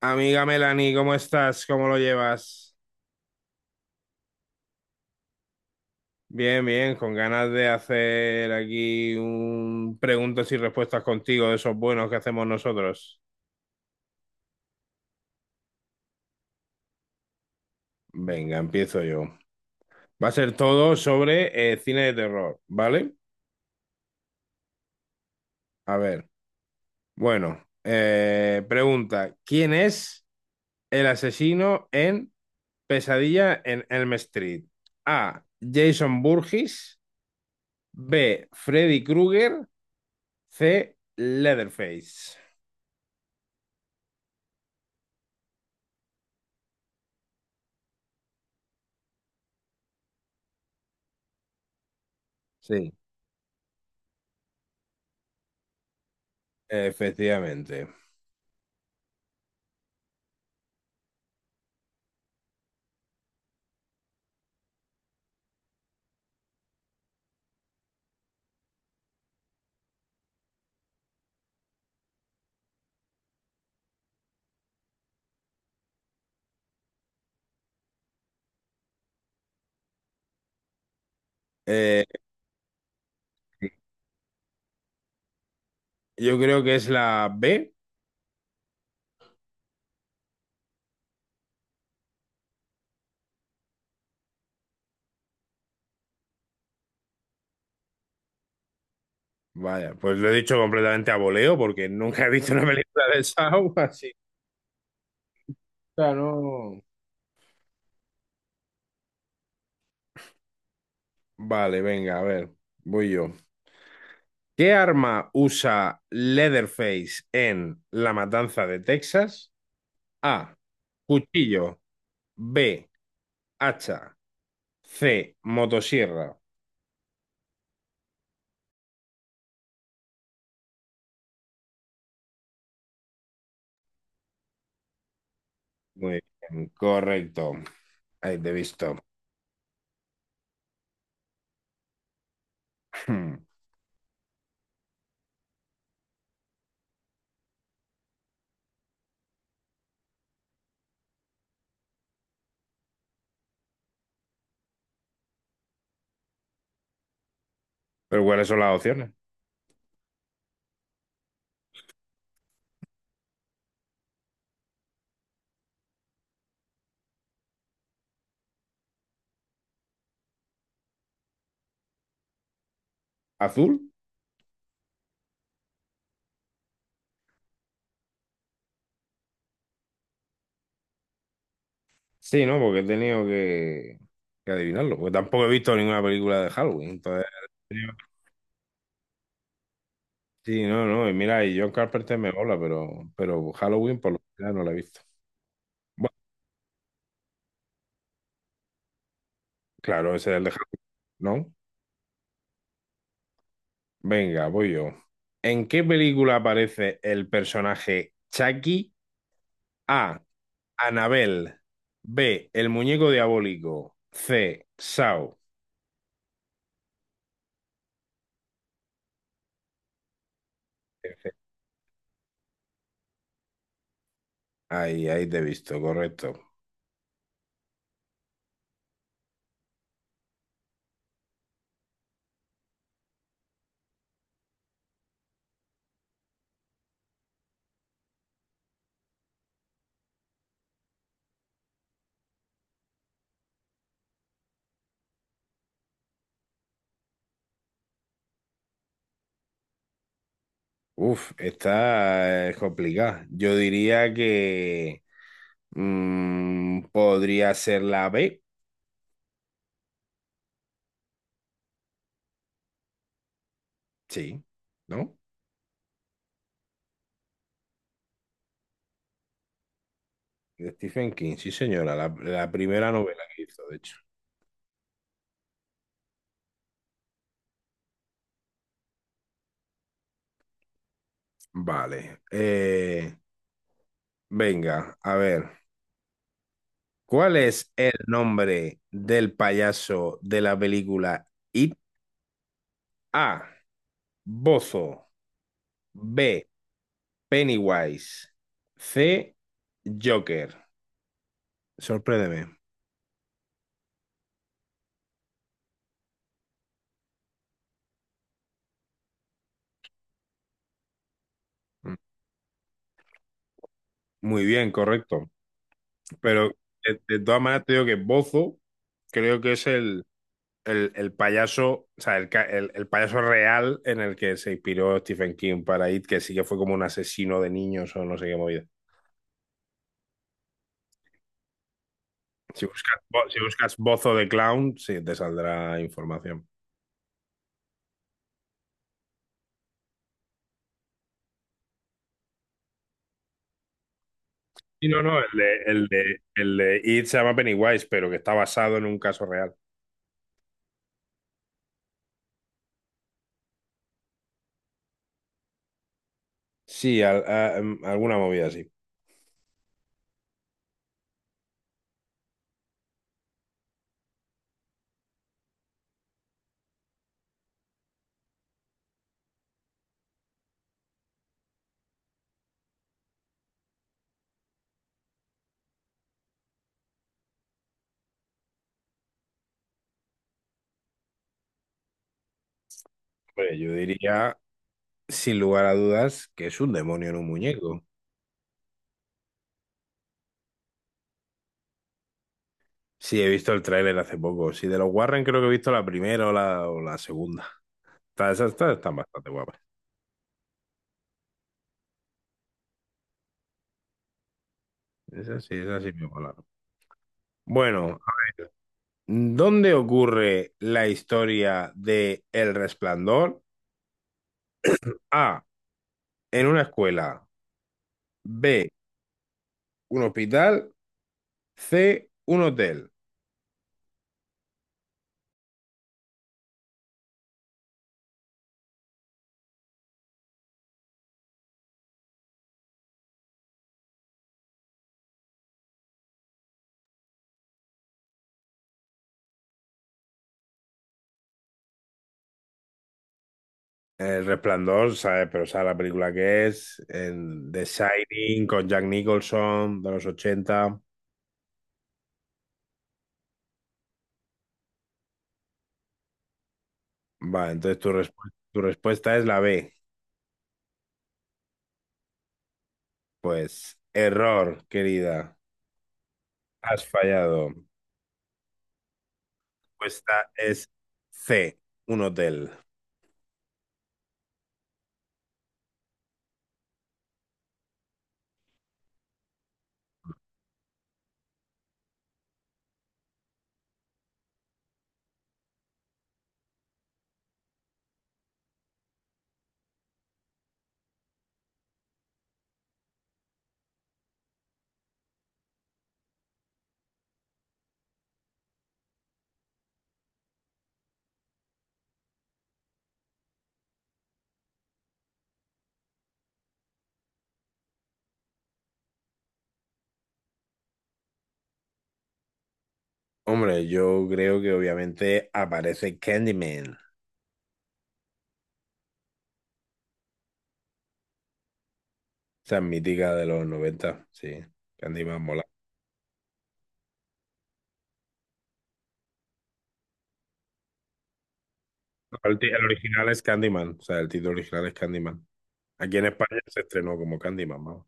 Amiga Melanie, ¿cómo estás? ¿Cómo lo llevas? Bien, bien, con ganas de hacer aquí un preguntas y respuestas contigo de esos buenos que hacemos nosotros. Venga, empiezo yo. Va a ser todo sobre cine de terror, ¿vale? A ver, bueno, pregunta, ¿quién es el asesino en Pesadilla en Elm Street? A. Jason Burgess, B. Freddy Krueger, C. Leatherface. Sí. Efectivamente. Eh, yo creo que es la B. Vaya, pues lo he dicho completamente a voleo porque nunca he visto una película de Saw, así. Claro. Vale, venga, a ver, voy yo. ¿Qué arma usa Leatherface en La Matanza de Texas? A. Cuchillo. B. Hacha. C. Motosierra. Muy bien, correcto. Ahí te he visto. Hmm. ¿Pero cuáles son las opciones? ¿Azul? Sí, ¿no? Porque he tenido que adivinarlo. Porque tampoco he visto ninguna película de Halloween. Entonces, he tenido- sí, no, no. Y mira, y John Carpenter me mola, pero Halloween por lo general no la he visto. Bueno, claro, ese es el de Halloween, ¿no? Venga, voy yo. ¿En qué película aparece el personaje Chucky? A. Anabel. B. El muñeco diabólico. C. Saw. Ahí, ahí te he visto, correcto. Uf, está complicada. Yo diría que podría ser la B, sí, ¿no? De Stephen King, sí, señora, la primera novela que hizo, de hecho. Vale. Venga, a ver. ¿Cuál es el nombre del payaso de la película It? A. Bozo. B. Pennywise. C. Joker. Sorpréndeme. Mm. Muy bien, correcto. Pero de todas maneras te digo que Bozo creo que es el payaso, o sea, el payaso real en el que se inspiró Stephen King para It, que sí que fue como un asesino de niños o no sé qué movida. Si buscas, si buscas Bozo de Clown, sí, te saldrá información. Y no, no, el de It se llama Pennywise, pero que está basado en un caso real. Sí, alguna movida así. Hombre, yo diría, sin lugar a dudas, que es un demonio en un muñeco. Sí, he visto el tráiler hace poco. Sí, de los Warren creo que he visto la primera o o la segunda. Esas están bastante guapas. Esas sí me molaron. Bueno, a ver. ¿Dónde ocurre la historia de El Resplandor? A. En una escuela. B. Un hospital. C. Un hotel. El Resplandor, ¿sabes? Pero sabes la película que es. El The Shining con Jack Nicholson de los 80. Vale, entonces tu respuesta es la B. Pues error, querida. Has fallado. Esta es C, un hotel. Hombre, yo creo que obviamente aparece Candyman. Esa mítica de los noventa. Sí. Candyman mola. No, el original es Candyman, o sea, el título original es Candyman. Aquí en España se estrenó como Candyman, vamos.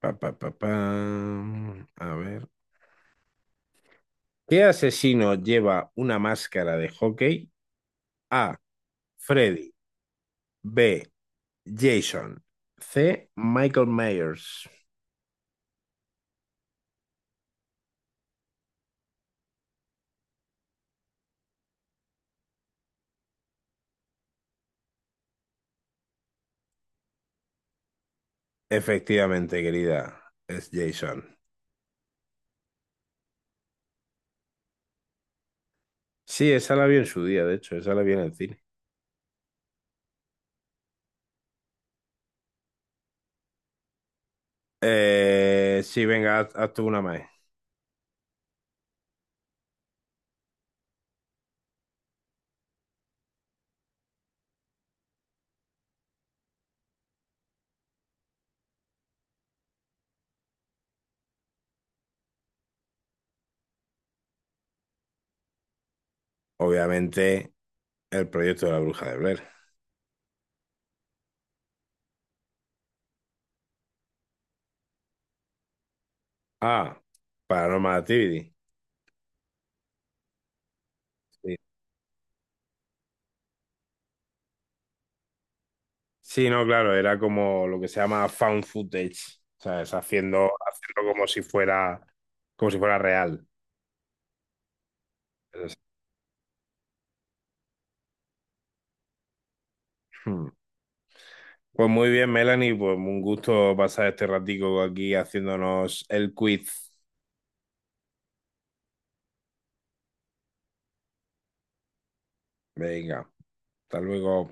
Pa, pa, pa, pam. A ver. ¿Qué asesino lleva una máscara de hockey? A. Freddy. B. Jason. C. Michael Myers. Efectivamente, querida, es Jason. Sí, esa la vi en su día, de hecho, esa la vi en el cine. Sí, venga, haz tú una más. Obviamente, el proyecto de la bruja de Blair. Ah, Paranormal Activity. Sí. Sí, no, claro, era como lo que se llama found footage. O sea, es haciendo como si fuera real. Es- Pues muy bien, Melanie, pues un gusto pasar este ratico aquí haciéndonos el quiz. Venga, hasta luego.